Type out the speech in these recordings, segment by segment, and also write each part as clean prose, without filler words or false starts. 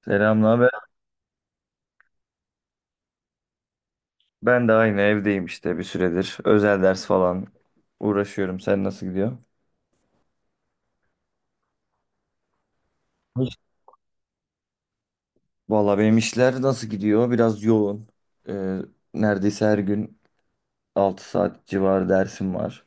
Selam, naber? Ben de aynı evdeyim işte bir süredir. Özel ders falan uğraşıyorum. Sen nasıl gidiyor? Hiç. Vallahi benim işler nasıl gidiyor? Biraz yoğun. Ee, neredeyse her gün 6 saat civarı dersim var.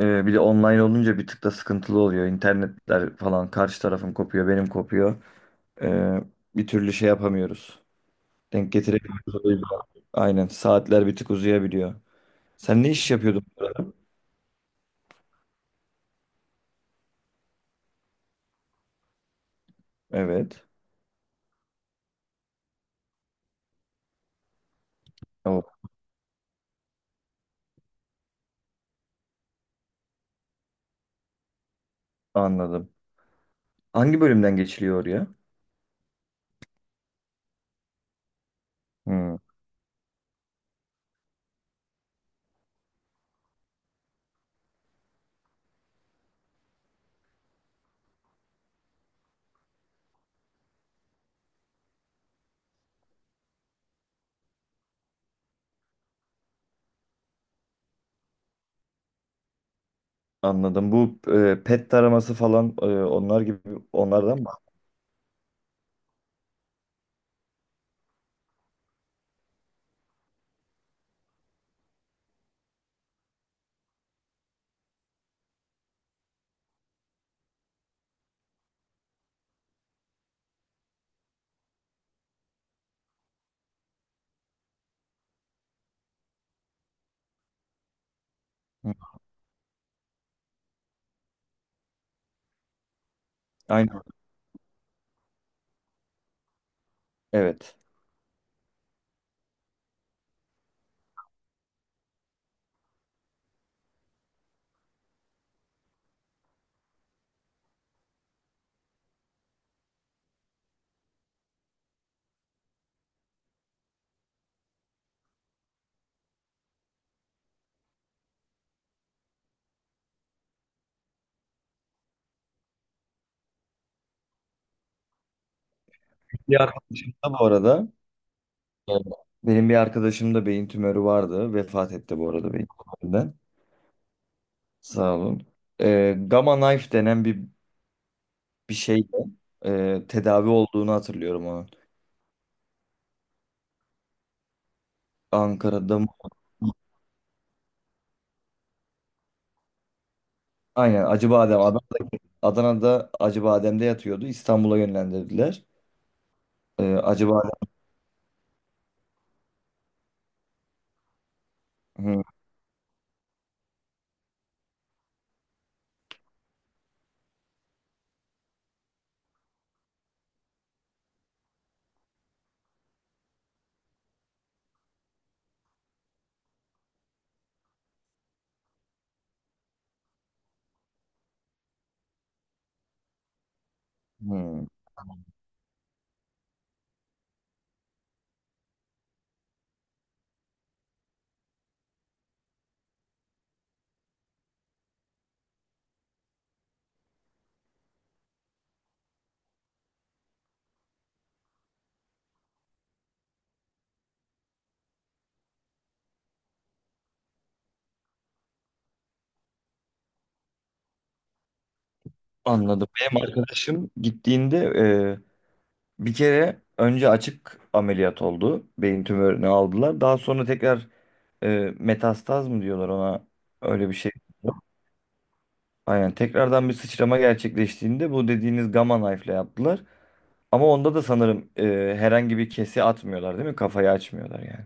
Bir de online olunca bir tık da sıkıntılı oluyor. İnternetler falan karşı tarafın kopuyor, benim kopuyor. Ee, bir türlü şey yapamıyoruz. Denk getiremiyoruz, o yüzden. Aynen saatler bir tık uzayabiliyor. Sen ne iş yapıyordun? Evet. O, anladım. Hangi bölümden geçiliyor oraya? Hmm, anladım. Bu PET taraması falan, onlar gibi onlardan mı? Hı, aynen. Evet. Bir arkadaşım da bu arada, e, benim bir arkadaşım da beyin tümörü vardı. Vefat etti bu arada beyin tümöründen. Sağ olun. Gamma Knife denen bir şeyle, tedavi olduğunu hatırlıyorum onun. Ankara'da mı? Aynen Acıbadem. Adana'da Acıbadem'de yatıyordu. İstanbul'a yönlendirdiler. Acıbadem. Hı, hı. Anladım. Benim arkadaşım gittiğinde bir kere önce açık ameliyat oldu. Beyin tümörünü aldılar. Daha sonra tekrar e, metastaz mı diyorlar ona, öyle bir şey. Aynen tekrardan bir sıçrama gerçekleştiğinde bu dediğiniz Gamma Knife'le yaptılar. Ama onda da sanırım herhangi bir kesi atmıyorlar değil mi? Kafayı açmıyorlar yani.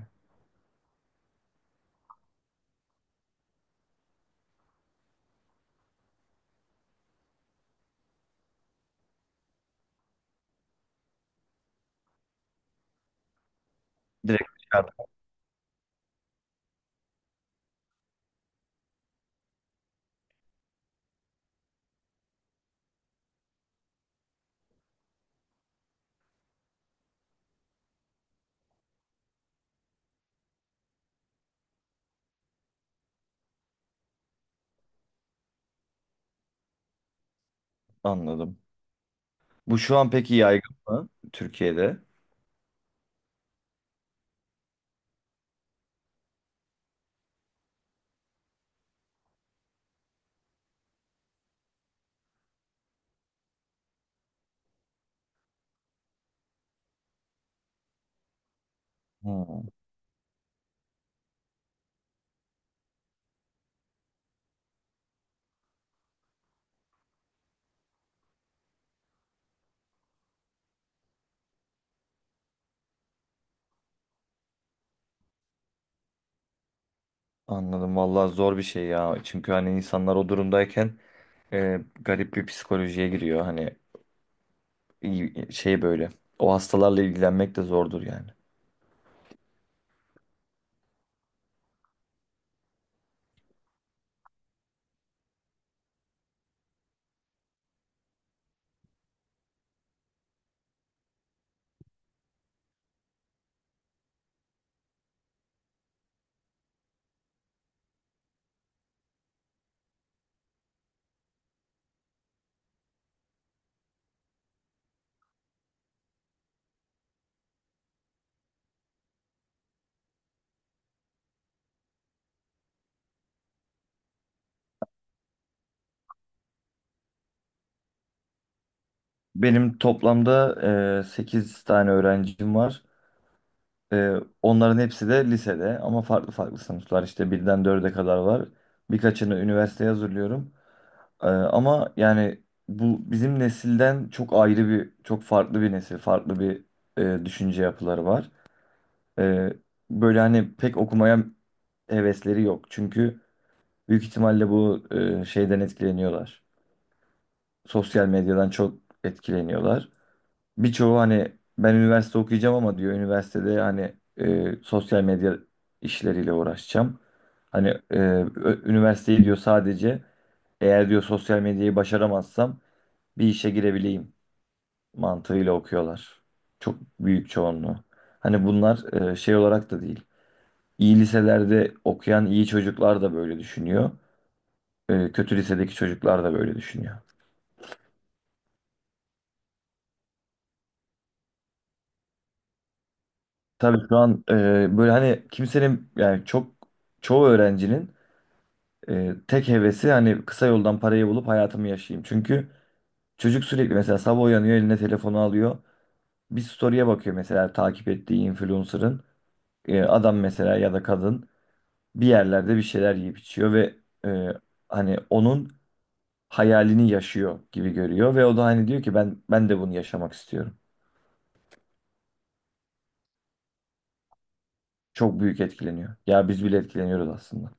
Direkt dışarı- anladım. Bu şu an peki yaygın mı Türkiye'de? Hmm, anladım. Vallahi zor bir şey ya. Çünkü hani insanlar o durumdayken garip bir psikolojiye giriyor. Hani şey böyle. O hastalarla ilgilenmek de zordur yani. Benim toplamda 8 tane öğrencim var. E, onların hepsi de lisede ama farklı farklı sınıflar. İşte birden dörde kadar var. Birkaçını üniversiteye hazırlıyorum. Ama yani bu bizim nesilden çok ayrı bir, çok farklı bir nesil, farklı bir düşünce yapıları var. Ee, böyle hani pek okumaya hevesleri yok. Çünkü büyük ihtimalle bu şeyden etkileniyorlar. Sosyal medyadan çok etkileniyorlar. Birçoğu hani ben üniversite okuyacağım ama diyor üniversitede hani sosyal medya işleriyle uğraşacağım. Hani üniversiteyi diyor sadece eğer diyor sosyal medyayı başaramazsam bir işe girebileyim mantığıyla okuyorlar. Çok büyük çoğunluğu. Hani bunlar şey olarak da değil. İyi liselerde okuyan iyi çocuklar da böyle düşünüyor. Kötü lisedeki çocuklar da böyle düşünüyor. Tabii şu an böyle hani kimsenin yani çok çoğu öğrencinin tek hevesi hani kısa yoldan parayı bulup hayatımı yaşayayım. Çünkü çocuk sürekli mesela sabah uyanıyor eline telefonu alıyor. Bir story'e bakıyor mesela takip ettiği influencer'ın. Adam mesela ya da kadın. Bir yerlerde bir şeyler yiyip içiyor ve e, hani onun hayalini yaşıyor gibi görüyor ve o da hani diyor ki ben de bunu yaşamak istiyorum. Çok büyük etkileniyor. Ya biz bile etkileniyoruz aslında.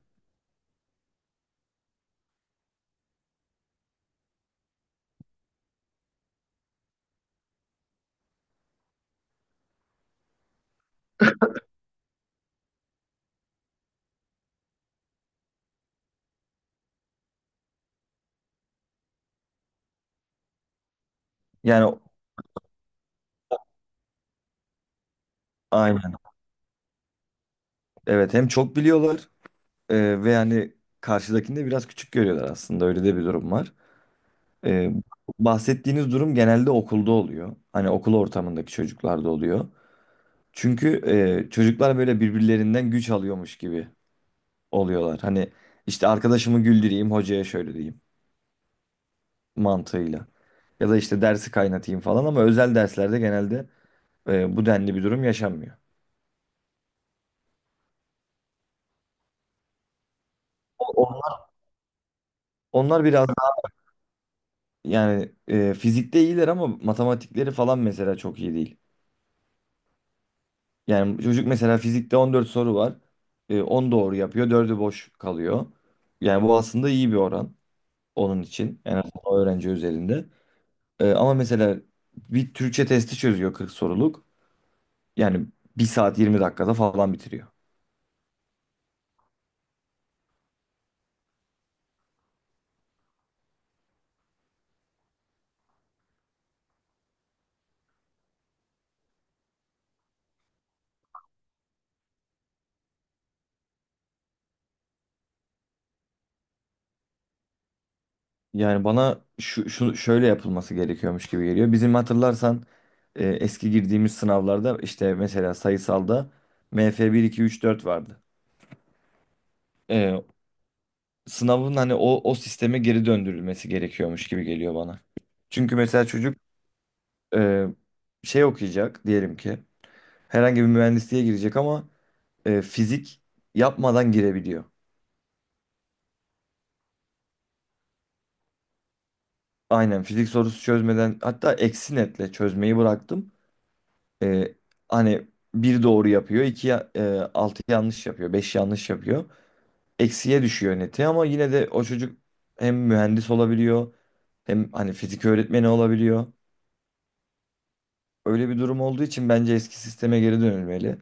Yani aynen. Evet hem çok biliyorlar ve yani karşıdakini de biraz küçük görüyorlar aslında. Öyle de bir durum var. E, bahsettiğiniz durum genelde okulda oluyor. Hani okul ortamındaki çocuklarda oluyor. Çünkü çocuklar böyle birbirlerinden güç alıyormuş gibi oluyorlar. Hani işte arkadaşımı güldüreyim, hocaya şöyle diyeyim mantığıyla. Ya da işte dersi kaynatayım falan ama özel derslerde genelde bu denli bir durum yaşanmıyor. O- Onlar biraz daha yani fizikte iyiler ama matematikleri falan mesela çok iyi değil. Yani çocuk mesela fizikte 14 soru var. 10 doğru yapıyor, 4'ü boş kalıyor. Yani bu aslında iyi bir oran onun için. Yani o öğrenci üzerinde. Ama mesela bir Türkçe testi çözüyor 40 soruluk. Yani bir saat 20 dakikada falan bitiriyor. Yani bana şu şöyle yapılması gerekiyormuş gibi geliyor. Bizim hatırlarsan eski girdiğimiz sınavlarda işte mesela sayısalda MF 1 2 3 4 vardı. E, sınavın hani o sisteme geri döndürülmesi gerekiyormuş gibi geliyor bana. Çünkü mesela çocuk e, şey okuyacak diyelim ki herhangi bir mühendisliğe girecek ama fizik yapmadan girebiliyor. Aynen fizik sorusu çözmeden hatta eksi netle çözmeyi bıraktım. E, hani bir doğru yapıyor, altı yanlış yapıyor, beş yanlış yapıyor. Eksiye düşüyor neti ama yine de o çocuk hem mühendis olabiliyor hem hani fizik öğretmeni olabiliyor. Öyle bir durum olduğu için bence eski sisteme geri dönülmeli.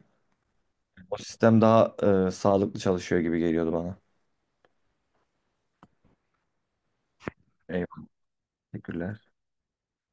O sistem daha sağlıklı çalışıyor gibi geliyordu bana. Eyvallah, teşekkürler.